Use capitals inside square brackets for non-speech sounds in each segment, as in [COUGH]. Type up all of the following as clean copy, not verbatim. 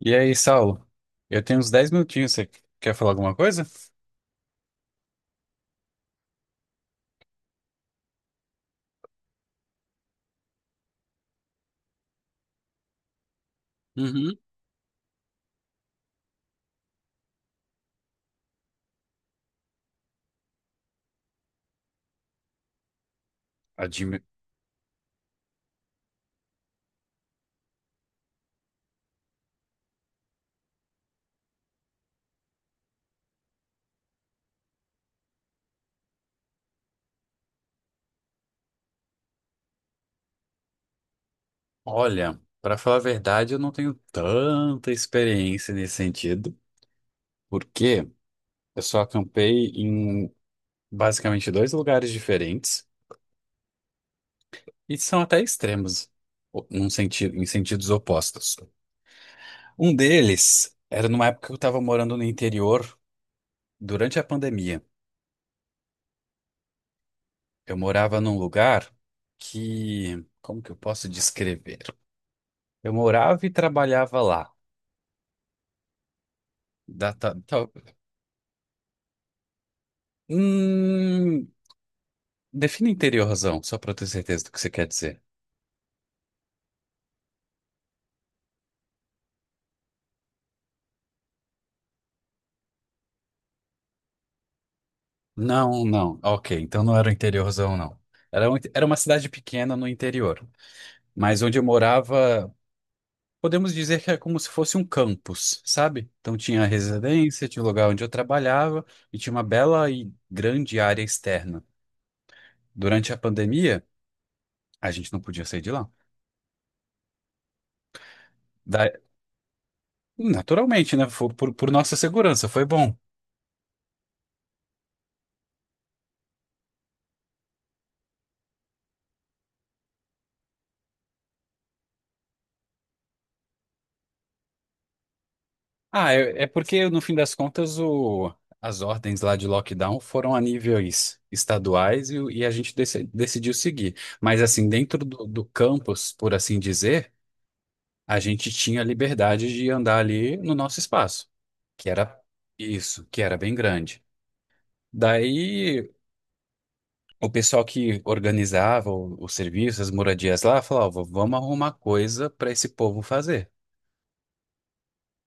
E aí, Saulo? Eu tenho uns 10 minutinhos. Você quer falar alguma coisa? Uhum. Admi... Olha, pra falar a verdade, eu não tenho tanta experiência nesse sentido, porque eu só acampei em basicamente dois lugares diferentes e são até extremos, num sentido, em sentidos opostos. Um deles era numa época que eu estava morando no interior durante a pandemia. Eu morava num lugar que, como que eu posso descrever? Eu morava e trabalhava lá. Da- ta- ta- Hum, defina interiorzão, só para eu ter certeza do que você quer dizer. Não, não. Ok, então não era o interiorzão, não. Era, era uma cidade pequena no interior. Mas onde eu morava, podemos dizer que é como se fosse um campus, sabe? Então tinha a residência, tinha o lugar onde eu trabalhava e tinha uma bela e grande área externa. Durante a pandemia, a gente não podia sair de lá. Da- naturalmente, né? Foi por nossa segurança, foi bom. Ah, é, é porque no fim das contas o, as ordens lá de lockdown foram a níveis estaduais e, e a gente decidiu seguir. Mas assim, dentro do campus, por assim dizer, a gente tinha liberdade de andar ali no nosso espaço, que era isso, que era bem grande. Daí o pessoal que organizava os serviços, as moradias lá, falava, "Ó, vamos arrumar coisa para esse povo fazer,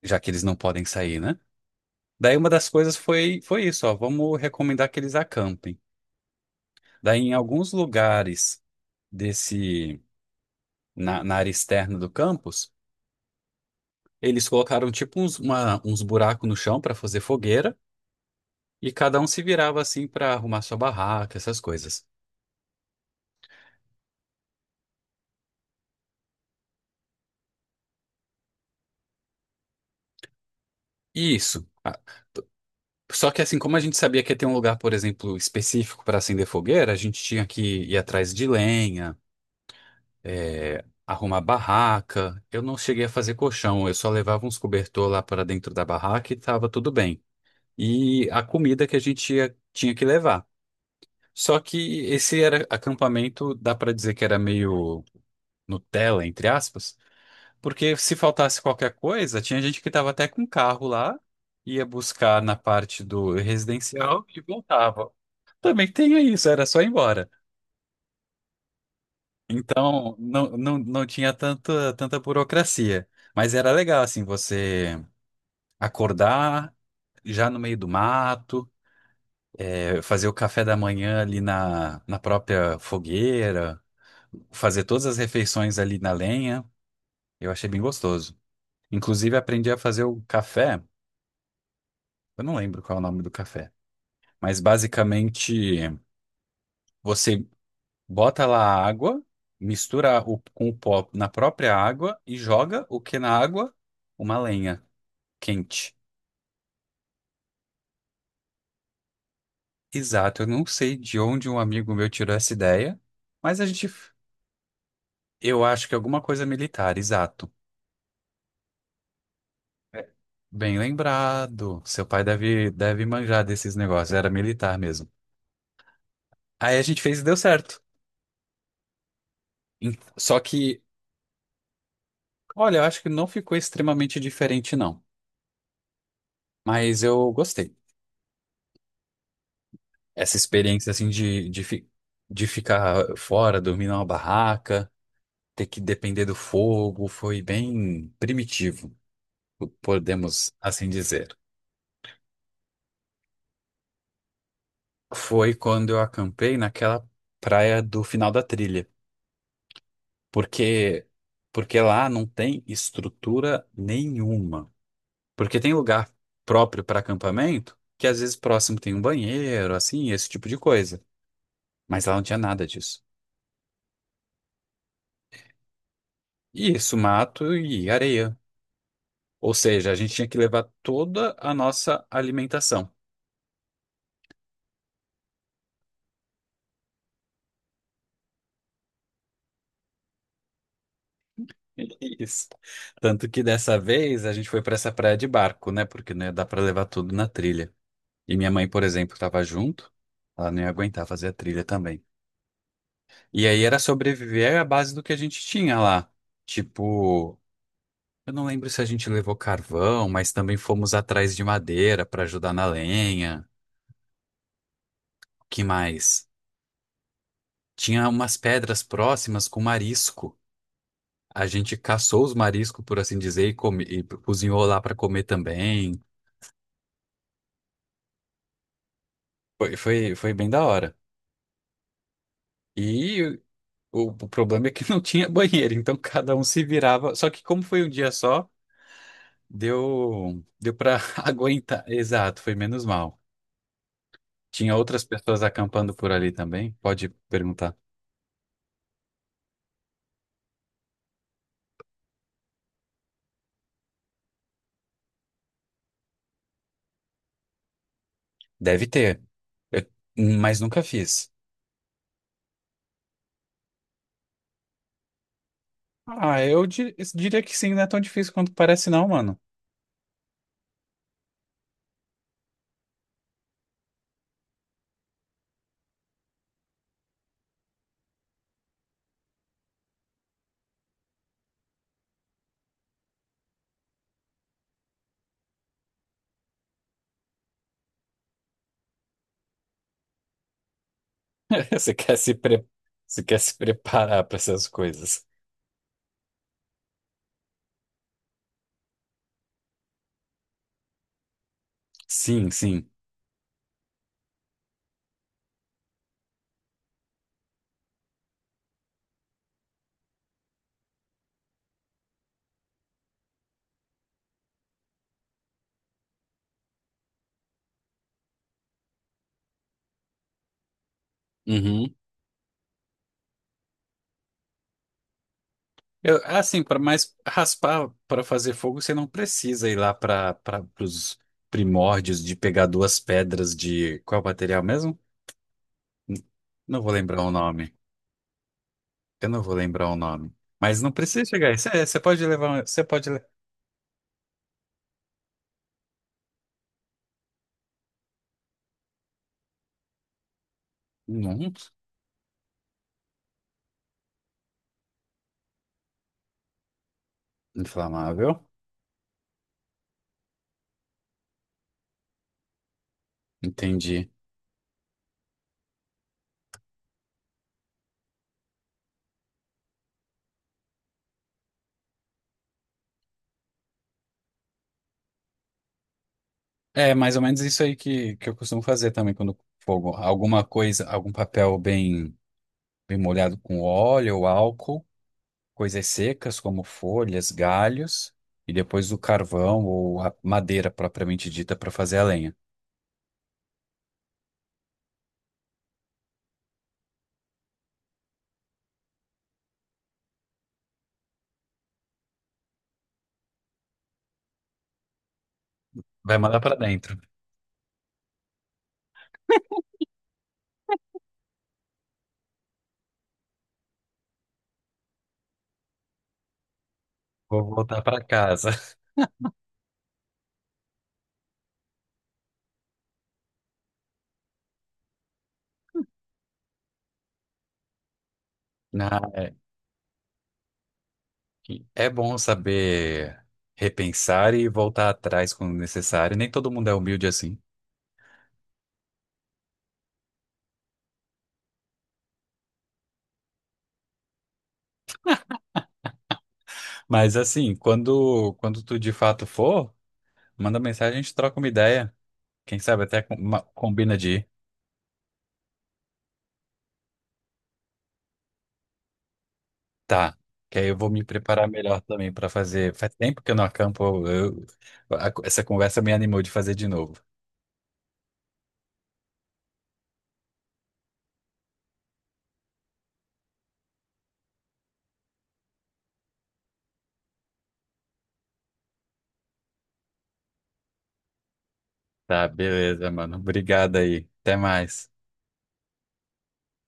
já que eles não podem sair, né? Daí uma das coisas foi, foi isso, ó, vamos recomendar que eles acampem. Daí em alguns lugares desse, na área externa do campus, eles colocaram tipo uns, uns buracos no chão para fazer fogueira e cada um se virava assim para arrumar sua barraca, essas coisas. E isso. Ah, só que assim, como a gente sabia que ia ter um lugar, por exemplo, específico para acender fogueira, a gente tinha que ir atrás de lenha, é, arrumar barraca. Eu não cheguei a fazer colchão, eu só levava uns cobertor lá para dentro da barraca e estava tudo bem. E a comida que tinha que levar. Só que esse era acampamento, dá para dizer que era meio Nutella, entre aspas, porque se faltasse qualquer coisa, tinha gente que estava até com carro lá, ia buscar na parte do residencial e voltava. Também tinha isso, era só ir embora. Então, não, não, não tinha tanta, tanta burocracia. Mas era legal, assim, você acordar já no meio do mato, fazer o café da manhã ali na própria fogueira, fazer todas as refeições ali na lenha. Eu achei bem gostoso. Inclusive, aprendi a fazer o café. Eu não lembro qual é o nome do café. Mas, basicamente, você bota lá a água, mistura o, com o pó na própria água e joga o que na água? Uma lenha. Quente. Exato, eu não sei de onde um amigo meu tirou essa ideia, mas a gente. Eu acho que é alguma coisa militar, exato. É, bem lembrado. Seu pai deve, deve manjar desses negócios, era militar mesmo. Aí a gente fez e deu certo. Só que, olha, eu acho que não ficou extremamente diferente, não. Mas eu gostei. Essa experiência, assim, de ficar fora, dormir numa barraca, ter que depender do fogo, foi bem primitivo, podemos assim dizer. Foi quando eu acampei naquela praia do final da trilha, porque porque lá não tem estrutura nenhuma. Porque tem lugar próprio para acampamento, que às vezes próximo tem um banheiro, assim, esse tipo de coisa, mas lá não tinha nada disso. E isso, mato e areia. Ou seja, a gente tinha que levar toda a nossa alimentação. [LAUGHS] Isso. Tanto que dessa vez a gente foi para essa praia de barco, né? Porque não ia dar para levar tudo na trilha. E minha mãe, por exemplo, estava junto, ela nem aguentava fazer a trilha também. E aí era sobreviver à base do que a gente tinha lá. Tipo, eu não lembro se a gente levou carvão, mas também fomos atrás de madeira para ajudar na lenha. O que mais? Tinha umas pedras próximas com marisco. A gente caçou os mariscos, por assim dizer, e cozinhou lá para comer também. Foi, foi, foi bem da hora. E o problema é que [LAUGHS] não tinha banheiro, então cada um se virava. Só que como foi um dia só. Deu, deu para [LAUGHS] aguentar. Exato, foi menos mal. Tinha outras pessoas acampando por ali também? Pode perguntar. Deve ter, Eu- mas nunca fiz. Ah, eu diria que sim, não é tão difícil quanto parece, não, mano. [LAUGHS] Você quer se pre... Você quer se preparar para essas coisas? Sim, sim. Uhum. Eu, assim, para mais raspar para fazer fogo, você não precisa ir lá para os primórdios de pegar duas pedras de qual material mesmo? Não vou lembrar o nome. Eu não vou lembrar o nome. Mas não precisa chegar. Você pode levar. Você pode. Não. Inflamável. Entendi. É mais ou menos isso aí que eu costumo fazer também quando fogo. Alguma coisa, algum papel bem, bem molhado com óleo, álcool, coisas secas como folhas, galhos, e depois o carvão ou a madeira propriamente dita para fazer a lenha. Vai mandar para dentro. Vou voltar para casa. [LAUGHS] Ah, é. É bom saber repensar e voltar atrás quando necessário. Nem todo mundo é humilde assim. Mas assim, quando tu de fato for, manda mensagem, a gente troca uma ideia. Quem sabe até combina de ir. Tá. Que aí eu vou me preparar melhor também pra fazer. Faz tempo que eu não acampo. Essa conversa me animou de fazer de novo. Tá, beleza, mano. Obrigado aí. Até mais.